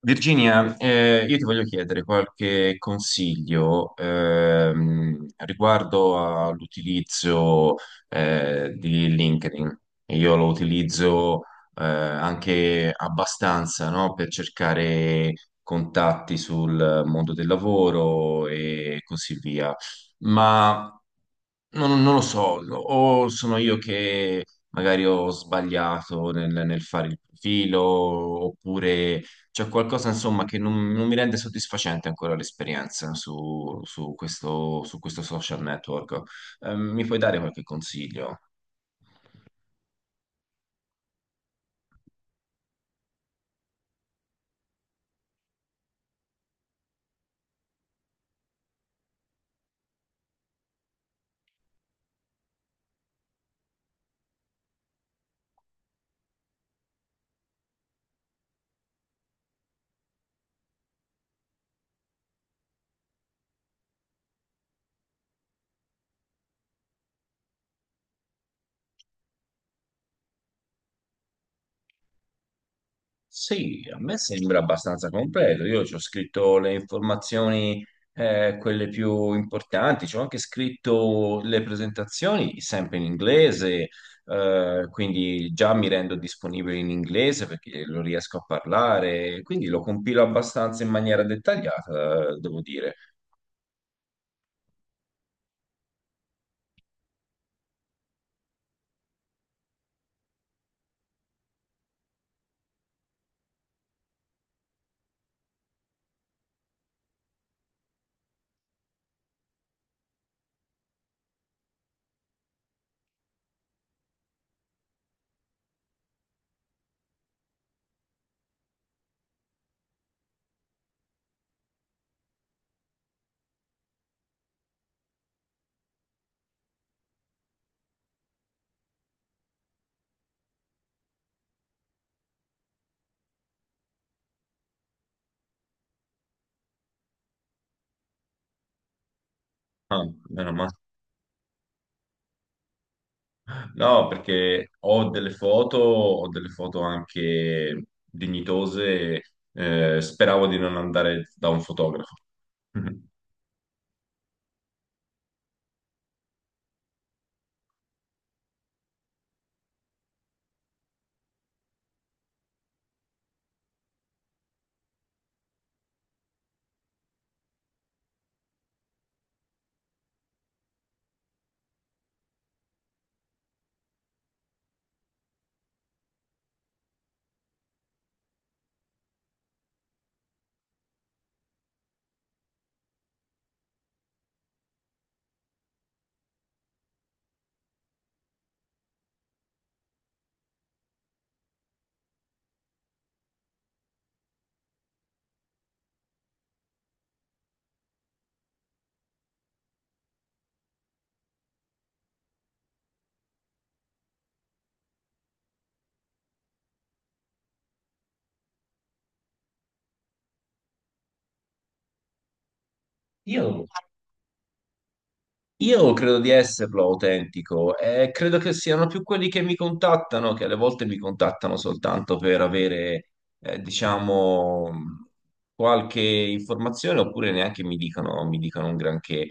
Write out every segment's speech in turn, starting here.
Virginia, io ti voglio chiedere qualche consiglio riguardo all'utilizzo di LinkedIn. Io lo utilizzo anche abbastanza, no, per cercare contatti sul mondo del lavoro e così via. Ma non lo so, o sono io che magari ho sbagliato nel fare il profilo, oppure c'è qualcosa insomma che non mi rende soddisfacente ancora l'esperienza su questo, su questo social network. Mi puoi dare qualche consiglio? Sì, a me sembra abbastanza completo. Io ci ho scritto le informazioni, quelle più importanti, ci ho anche scritto le presentazioni sempre in inglese, quindi già mi rendo disponibile in inglese perché lo riesco a parlare, quindi lo compilo abbastanza in maniera dettagliata, devo dire. Ah, meno male. No, perché ho delle foto anche dignitose, speravo di non andare da un fotografo. Mhm. Io, io credo di esserlo autentico e credo che siano più quelli che mi contattano, che alle volte mi contattano soltanto per avere, diciamo, qualche informazione oppure neanche mi dicono un granché.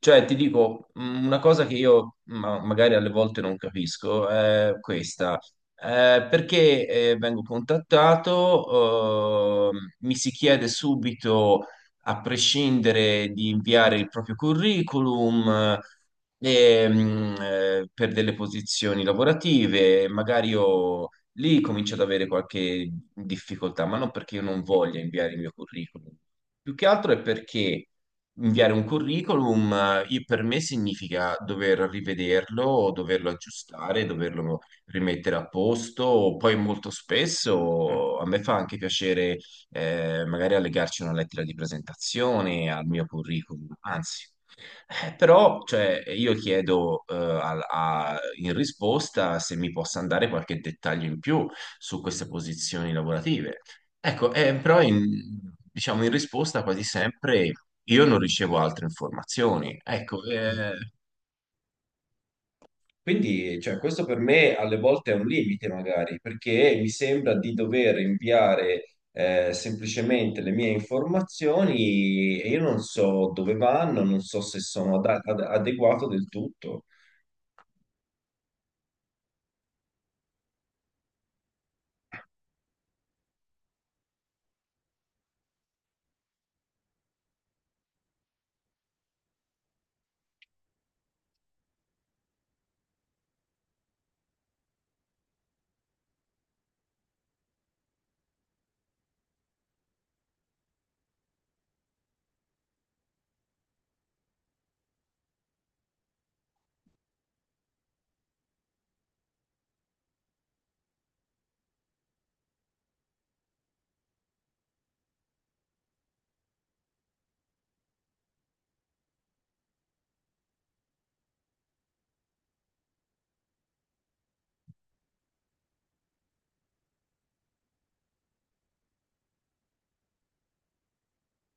Cioè, ti dico, una cosa che io magari alle volte non capisco è questa. Perché vengo contattato, mi si chiede subito a prescindere di inviare il proprio curriculum e, per delle posizioni lavorative, magari io lì comincio ad avere qualche difficoltà, ma non perché io non voglia inviare il mio curriculum, più che altro è perché inviare un curriculum per me significa dover rivederlo, o doverlo aggiustare, doverlo rimettere a posto, poi molto spesso a me fa anche piacere magari allegarci una lettera di presentazione al mio curriculum, anzi. Però cioè, io chiedo in risposta se mi possa andare qualche dettaglio in più su queste posizioni lavorative. Ecco, però in, diciamo in risposta quasi sempre io non ricevo altre informazioni. Ecco, quindi, cioè, questo per me alle volte è un limite, magari, perché mi sembra di dover inviare semplicemente le mie informazioni e io non so dove vanno, non so se sono adeguato del tutto.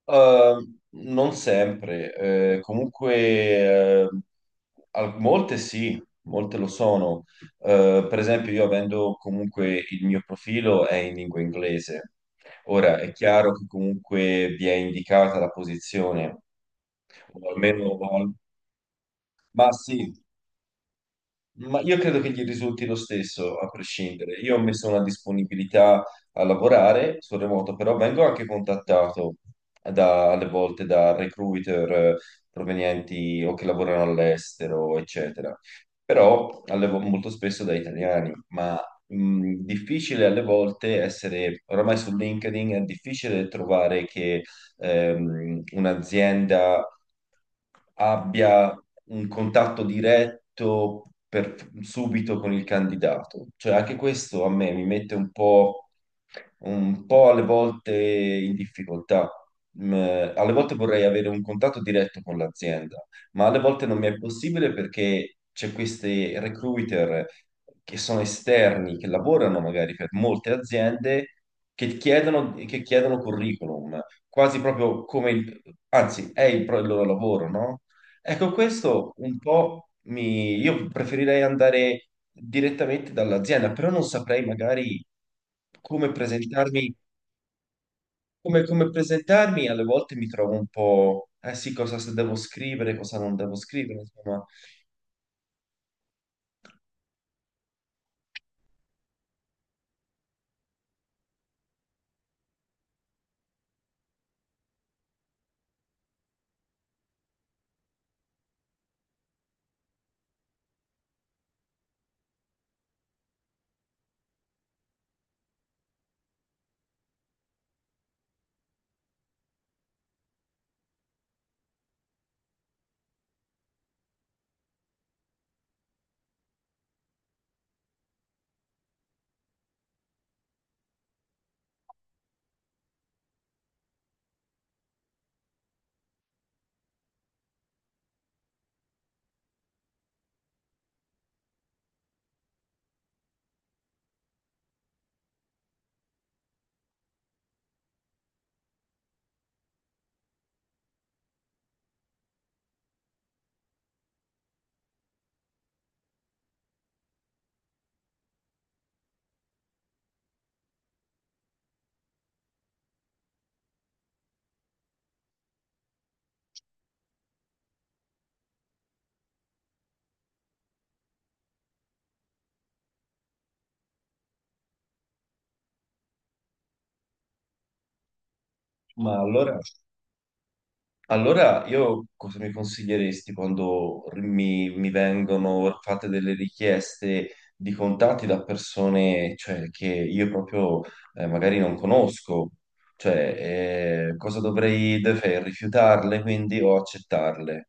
Non sempre, comunque eh, molte sì, molte lo sono. Per esempio, io avendo comunque il mio profilo è in lingua inglese. Ora è chiaro che comunque vi è indicata la posizione, o almeno, ma sì. Ma io credo che gli risulti lo stesso, a prescindere. Io ho messo una disponibilità a lavorare sul remoto, però vengo anche contattato alle volte da recruiter provenienti o che lavorano all'estero, eccetera. Però molto spesso da italiani, ma difficile alle volte essere, oramai su LinkedIn è difficile trovare che un'azienda abbia un contatto diretto subito con il candidato. Cioè, anche questo a me mi mette un po' alle volte in difficoltà. Mm, alle volte vorrei avere un contatto diretto con l'azienda, ma alle volte non mi è possibile perché c'è questi recruiter che sono esterni, che lavorano magari per molte aziende, che chiedono curriculum, quasi proprio come anzi, è il loro lavoro, no? Ecco, questo un po' mi... Io preferirei andare direttamente dall'azienda, però non saprei magari come presentarmi, come presentarmi, alle volte mi trovo un po', eh sì, cosa se devo scrivere, cosa non devo scrivere, insomma, ma allora Allora, io cosa mi consiglieresti quando mi vengono fatte delle richieste di contatti da persone, cioè, che io proprio magari non conosco? Cioè, cosa dovrei rifiutarle quindi o accettarle?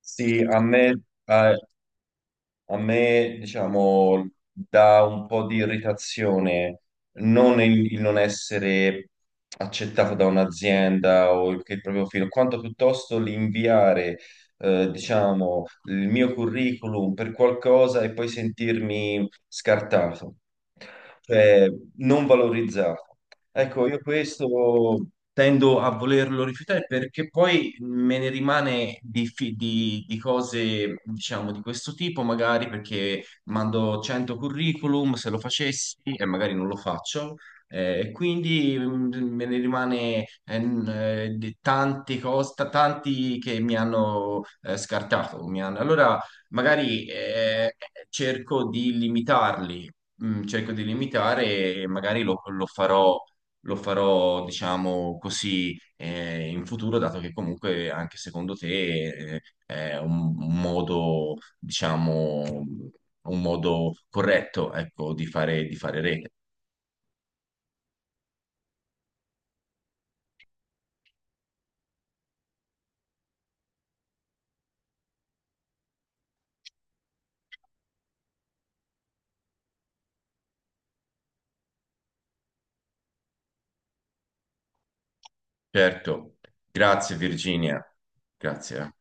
Sì, a me, eh, A me, diciamo, dà un po' di irritazione non il non essere accettato da un'azienda o il, che il proprio filo, quanto piuttosto l'inviare, diciamo, il mio curriculum per qualcosa e poi sentirmi scartato, cioè non valorizzato. Ecco, io questo tendo a volerlo rifiutare perché poi me ne rimane di cose, diciamo, di questo tipo, magari perché mando 100 curriculum, se lo facessi e magari non lo faccio, e quindi me ne rimane di tante cose, tanti che mi hanno scartato. Allora, magari cerco di limitarli, mm, cerco di limitare e magari lo farò diciamo così, in futuro, dato che comunque anche secondo te, eh, è un modo, diciamo, un modo corretto, ecco, di fare rete. Certo. Grazie Virginia. Grazie.